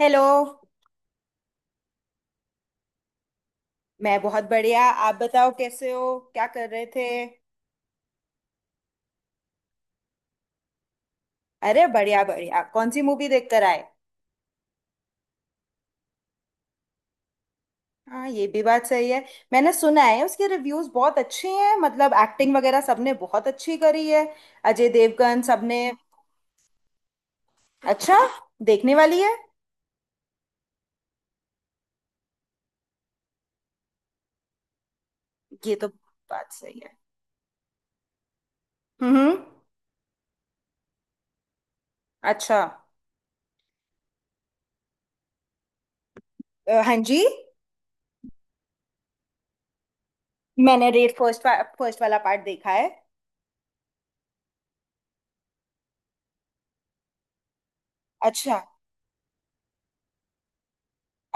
Hello. मैं बहुत बढ़िया। आप बताओ कैसे हो, क्या कर रहे थे? अरे बढ़िया बढ़िया, कौन सी मूवी देख कर आए? हाँ, ये भी बात सही है। मैंने सुना है उसके रिव्यूज बहुत अच्छे हैं, मतलब एक्टिंग वगैरह सबने बहुत अच्छी करी है, अजय देवगन सबने। अच्छा, देखने वाली है। ये तो बात सही है। हम्म हम्म। अच्छा। हाँ जी। मैंने रेड फर्स्ट फर्स्ट वाला पार्ट देखा है। अच्छा,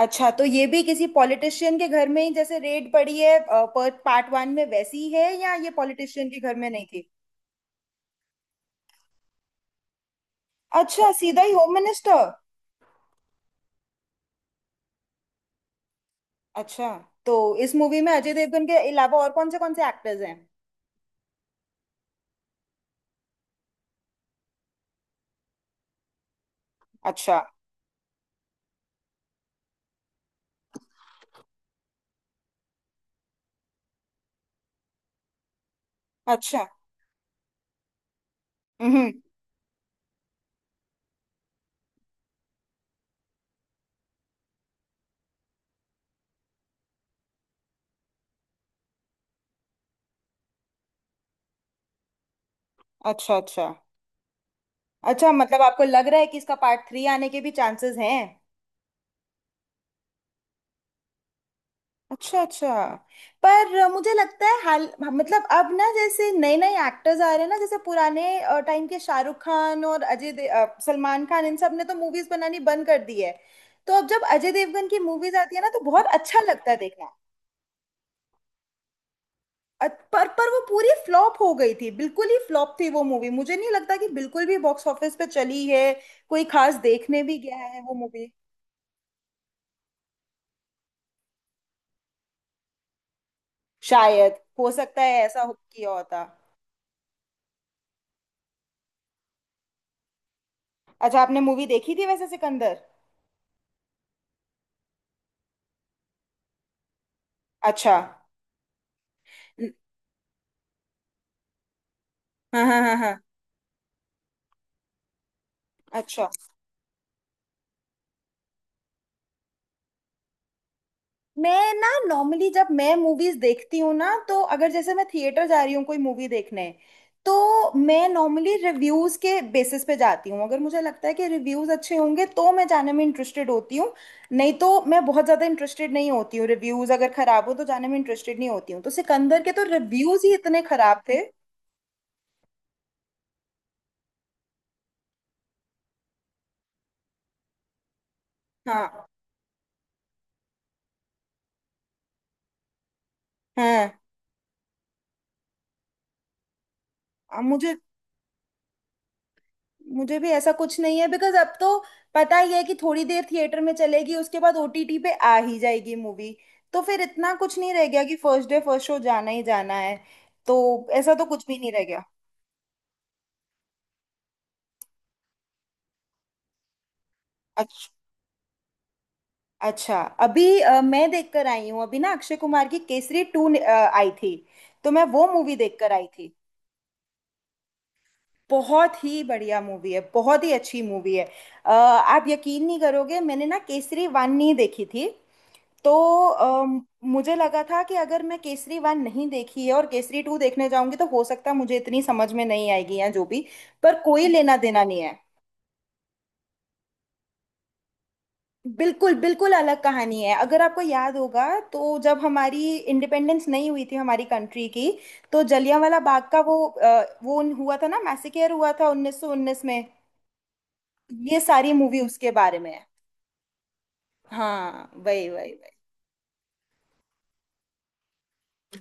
अच्छा तो ये भी किसी पॉलिटिशियन के घर में ही जैसे रेड पड़ी है पर्थ पार्ट वन में वैसी ही है, या ये पॉलिटिशियन के घर में नहीं थी? अच्छा, सीधा ही होम मिनिस्टर। अच्छा, तो इस मूवी में अजय देवगन के अलावा और कौन से एक्टर्स हैं? अच्छा अच्छा। हम्म। अच्छा अच्छा। अच्छा मतलब आपको लग रहा है कि इसका पार्ट थ्री आने के भी चांसेस हैं? अच्छा अच्छा। पर मुझे लगता है हाल, मतलब अब ना जैसे नए नए एक्टर्स आ रहे हैं ना, जैसे पुराने टाइम के शाहरुख खान और सलमान खान, इन सब ने तो मूवीज बनानी बंद कर दी है। तो अब जब अजय देवगन की मूवीज आती है ना, तो बहुत अच्छा लगता है देखना। पर वो पूरी फ्लॉप हो गई थी, बिल्कुल ही फ्लॉप थी वो मूवी। मुझे नहीं लगता कि बिल्कुल भी बॉक्स ऑफिस पे चली है। कोई खास देखने भी गया है वो मूवी? शायद, हो सकता है ऐसा हो किया होता। अच्छा, आपने मूवी देखी थी वैसे सिकंदर? अच्छा। हाँ हाँ हाँ हाँ। अच्छा, मैं ना नॉर्मली जब मैं मूवीज देखती हूँ ना, तो अगर जैसे मैं थिएटर जा रही हूँ कोई मूवी देखने, तो मैं नॉर्मली रिव्यूज के बेसिस पे जाती हूँ। अगर मुझे लगता है कि रिव्यूज अच्छे होंगे तो मैं जाने में इंटरेस्टेड होती हूँ। नहीं तो मैं बहुत ज्यादा इंटरेस्टेड नहीं होती हूँ। रिव्यूज अगर खराब हो तो जाने में इंटरेस्टेड नहीं होती हूँ, तो सिकंदर के तो रिव्यूज ही इतने खराब थे। हाँ हाँ। अब मुझे, मुझे भी ऐसा कुछ नहीं है, बिकॉज अब तो पता ही है कि थोड़ी देर थिएटर में चलेगी, उसके बाद ओटीटी पे आ ही जाएगी मूवी। तो फिर इतना कुछ नहीं रह गया कि फर्स्ट डे फर्स्ट शो जाना ही जाना है। तो ऐसा तो कुछ भी नहीं रह गया। अच्छा अच्छा। अभी मैं देखकर आई हूँ। अभी ना अक्षय कुमार की केसरी टू आई थी, तो मैं वो मूवी देखकर आई थी। बहुत ही बढ़िया मूवी है, बहुत ही अच्छी मूवी है। आप यकीन नहीं करोगे, मैंने ना केसरी वन नहीं देखी थी। तो अम, मुझे लगा था कि अगर मैं केसरी वन नहीं देखी है और केसरी टू देखने जाऊंगी तो हो सकता है मुझे इतनी समझ में नहीं आएगी, या जो भी। पर कोई लेना देना नहीं है। बिल्कुल बिल्कुल अलग कहानी है। अगर आपको याद होगा, तो जब हमारी इंडिपेंडेंस नहीं हुई थी हमारी कंट्री की, तो जलियांवाला बाग का वो वो हुआ था ना, मैसेकेयर हुआ था 1919 में। ये सारी मूवी उसके बारे में है। हाँ वही वही।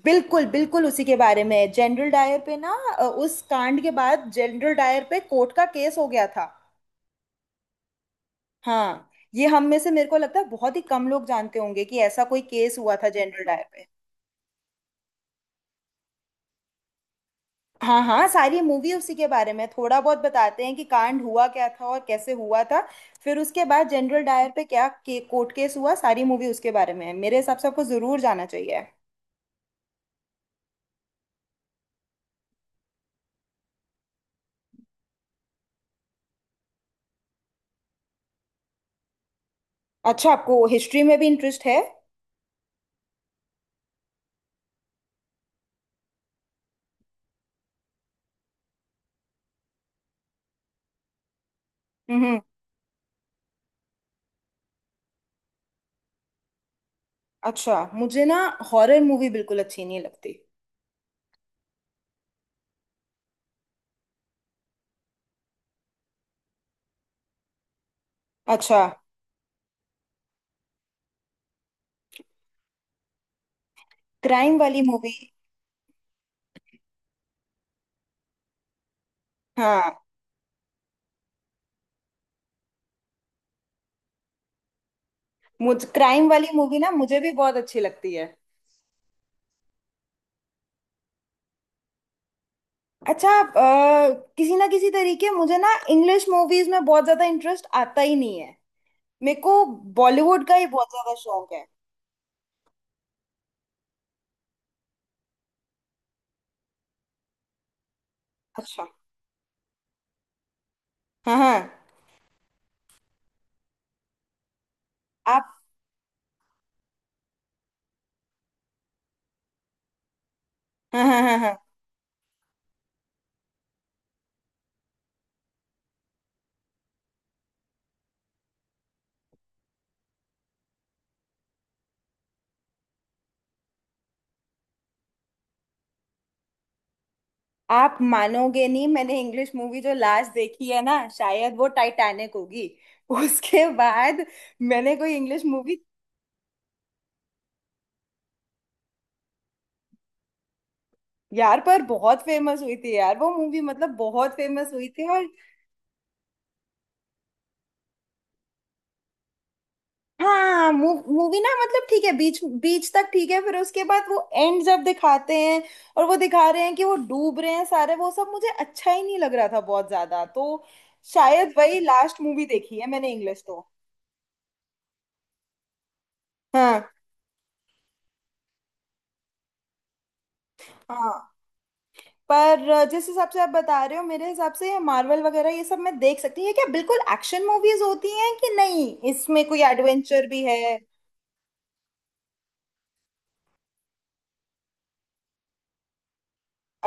बिल्कुल बिल्कुल उसी के बारे में। जनरल डायर पे ना, उस कांड के बाद जनरल डायर पे कोर्ट का केस हो गया था। हाँ। ये हम में से, मेरे को लगता है बहुत ही कम लोग जानते होंगे कि ऐसा कोई केस हुआ था जनरल डायर पे। हाँ हाँ, सारी मूवी उसी के बारे में। थोड़ा बहुत बताते हैं कि कांड हुआ क्या था और कैसे हुआ था, फिर उसके बाद जनरल डायर पे कोर्ट केस हुआ। सारी मूवी उसके बारे में है। मेरे हिसाब से आपको जरूर जाना चाहिए। अच्छा, आपको हिस्ट्री में भी इंटरेस्ट है? हम्म। अच्छा, मुझे ना हॉरर मूवी बिल्कुल अच्छी नहीं लगती। अच्छा, क्राइम वाली मूवी। हाँ, मुझ क्राइम वाली मूवी ना मुझे भी बहुत अच्छी लगती है। अच्छा, किसी ना किसी तरीके मुझे ना इंग्लिश मूवीज में बहुत ज्यादा इंटरेस्ट आता ही नहीं है मेरे को। बॉलीवुड का ही बहुत ज्यादा शौक है। अच्छा। हाँ हाँ। आप। हाँ हाँ हाँ हाँ। आप मानोगे नहीं, मैंने इंग्लिश मूवी जो लास्ट देखी है ना, शायद वो टाइटैनिक होगी। उसके बाद मैंने कोई इंग्लिश मूवी। यार, पर बहुत फेमस हुई थी यार वो मूवी, मतलब बहुत फेमस हुई थी। हाँ, मूवी ना, मतलब ठीक है बीच बीच तक ठीक है, फिर उसके बाद वो एंड जब दिखाते हैं और वो दिखा रहे हैं कि वो डूब रहे हैं सारे, वो सब मुझे अच्छा ही नहीं लग रहा था बहुत ज्यादा। तो शायद वही लास्ट मूवी देखी है मैंने इंग्लिश तो। हाँ। हाँ। पर जिस हिसाब से आप बता रहे हो, मेरे हिसाब से ये मार्वल वगैरह ये सब मैं देख सकती हूँ। ये क्या बिल्कुल एक्शन मूवीज होती हैं कि नहीं? इसमें कोई एडवेंचर भी है?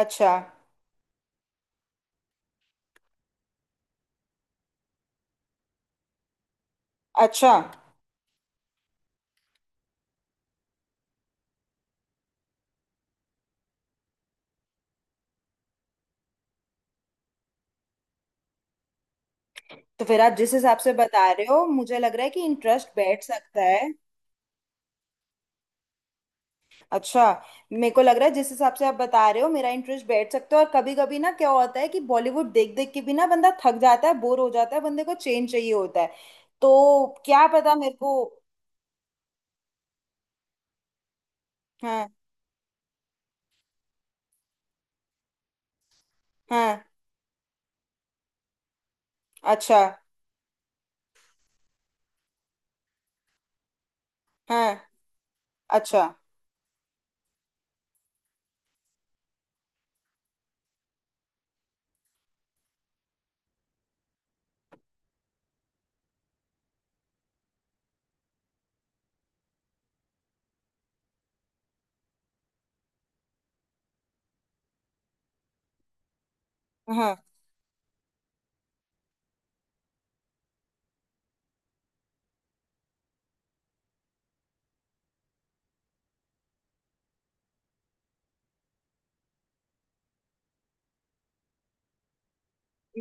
अच्छा। अच्छा, तो फिर आप जिस हिसाब से बता रहे हो, मुझे लग रहा है कि इंटरेस्ट बैठ सकता है। अच्छा, मेरे को लग रहा है जिस हिसाब से आप बता रहे हो मेरा इंटरेस्ट बैठ सकता है। और कभी कभी ना क्या होता है कि बॉलीवुड देख देख के भी ना बंदा थक जाता है, बोर हो जाता है, बंदे को चेंज चाहिए होता है। तो क्या पता मेरे को। हाँ। हाँ। अच्छा। हाँ। अच्छा। हाँ,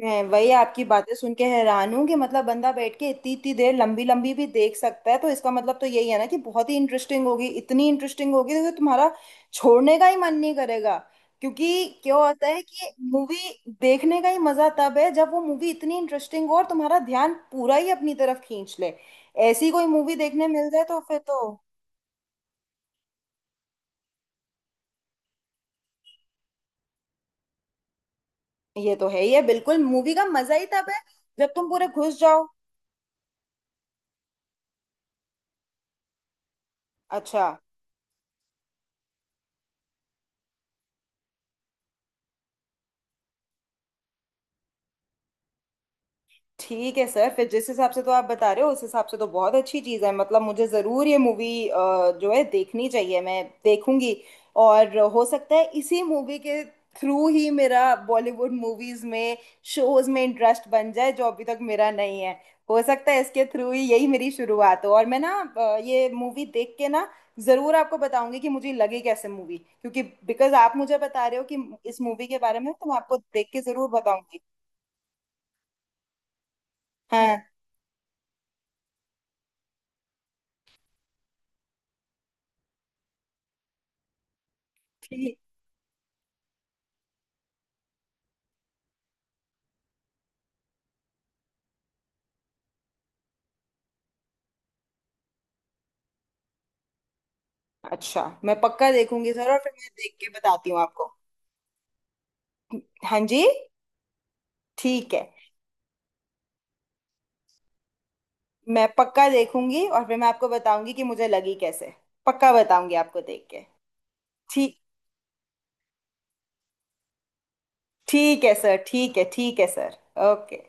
मैं वही आपकी बातें सुन के हैरान हूँ कि मतलब बंदा बैठ के इतनी इतनी देर लंबी लंबी भी देख सकता है, तो इसका मतलब तो यही है ना कि बहुत ही इंटरेस्टिंग होगी, इतनी इंटरेस्टिंग होगी कि तुम्हारा छोड़ने का ही मन नहीं करेगा। क्योंकि क्या होता है कि मूवी देखने का ही मजा तब है जब वो मूवी इतनी इंटरेस्टिंग हो और तुम्हारा ध्यान पूरा ही अपनी तरफ खींच ले। ऐसी कोई मूवी देखने मिल जाए तो फिर तो। ये तो है ही है, बिल्कुल मूवी का मजा ही तब है जब तुम पूरे घुस जाओ। अच्छा। ठीक है सर, फिर जिस हिसाब से तो आप बता रहे हो उस हिसाब से तो बहुत अच्छी चीज़ है। मतलब मुझे ज़रूर ये मूवी जो है देखनी चाहिए, मैं देखूंगी। और हो सकता है इसी मूवी के थ्रू ही मेरा बॉलीवुड मूवीज में, शोज में इंटरेस्ट बन जाए जो अभी तक मेरा नहीं है। हो सकता है इसके थ्रू ही यही मेरी शुरुआत हो। और मैं ना ये मूवी देख के ना ज़रूर आपको बताऊंगी कि मुझे लगी कैसे मूवी। क्योंकि बिकॉज आप मुझे बता रहे हो कि इस मूवी के बारे में, तो मैं आपको देख के ज़रूर बताऊंगी। हाँ। ठीक। अच्छा, मैं पक्का देखूंगी सर, और फिर मैं देख के बताती हूँ आपको। हाँ जी। ठीक है। मैं पक्का देखूंगी और फिर मैं आपको बताऊंगी कि मुझे लगी कैसे। पक्का बताऊंगी आपको देख के। ठीक। ठीक है सर, ठीक है, ठीक है सर। ओके।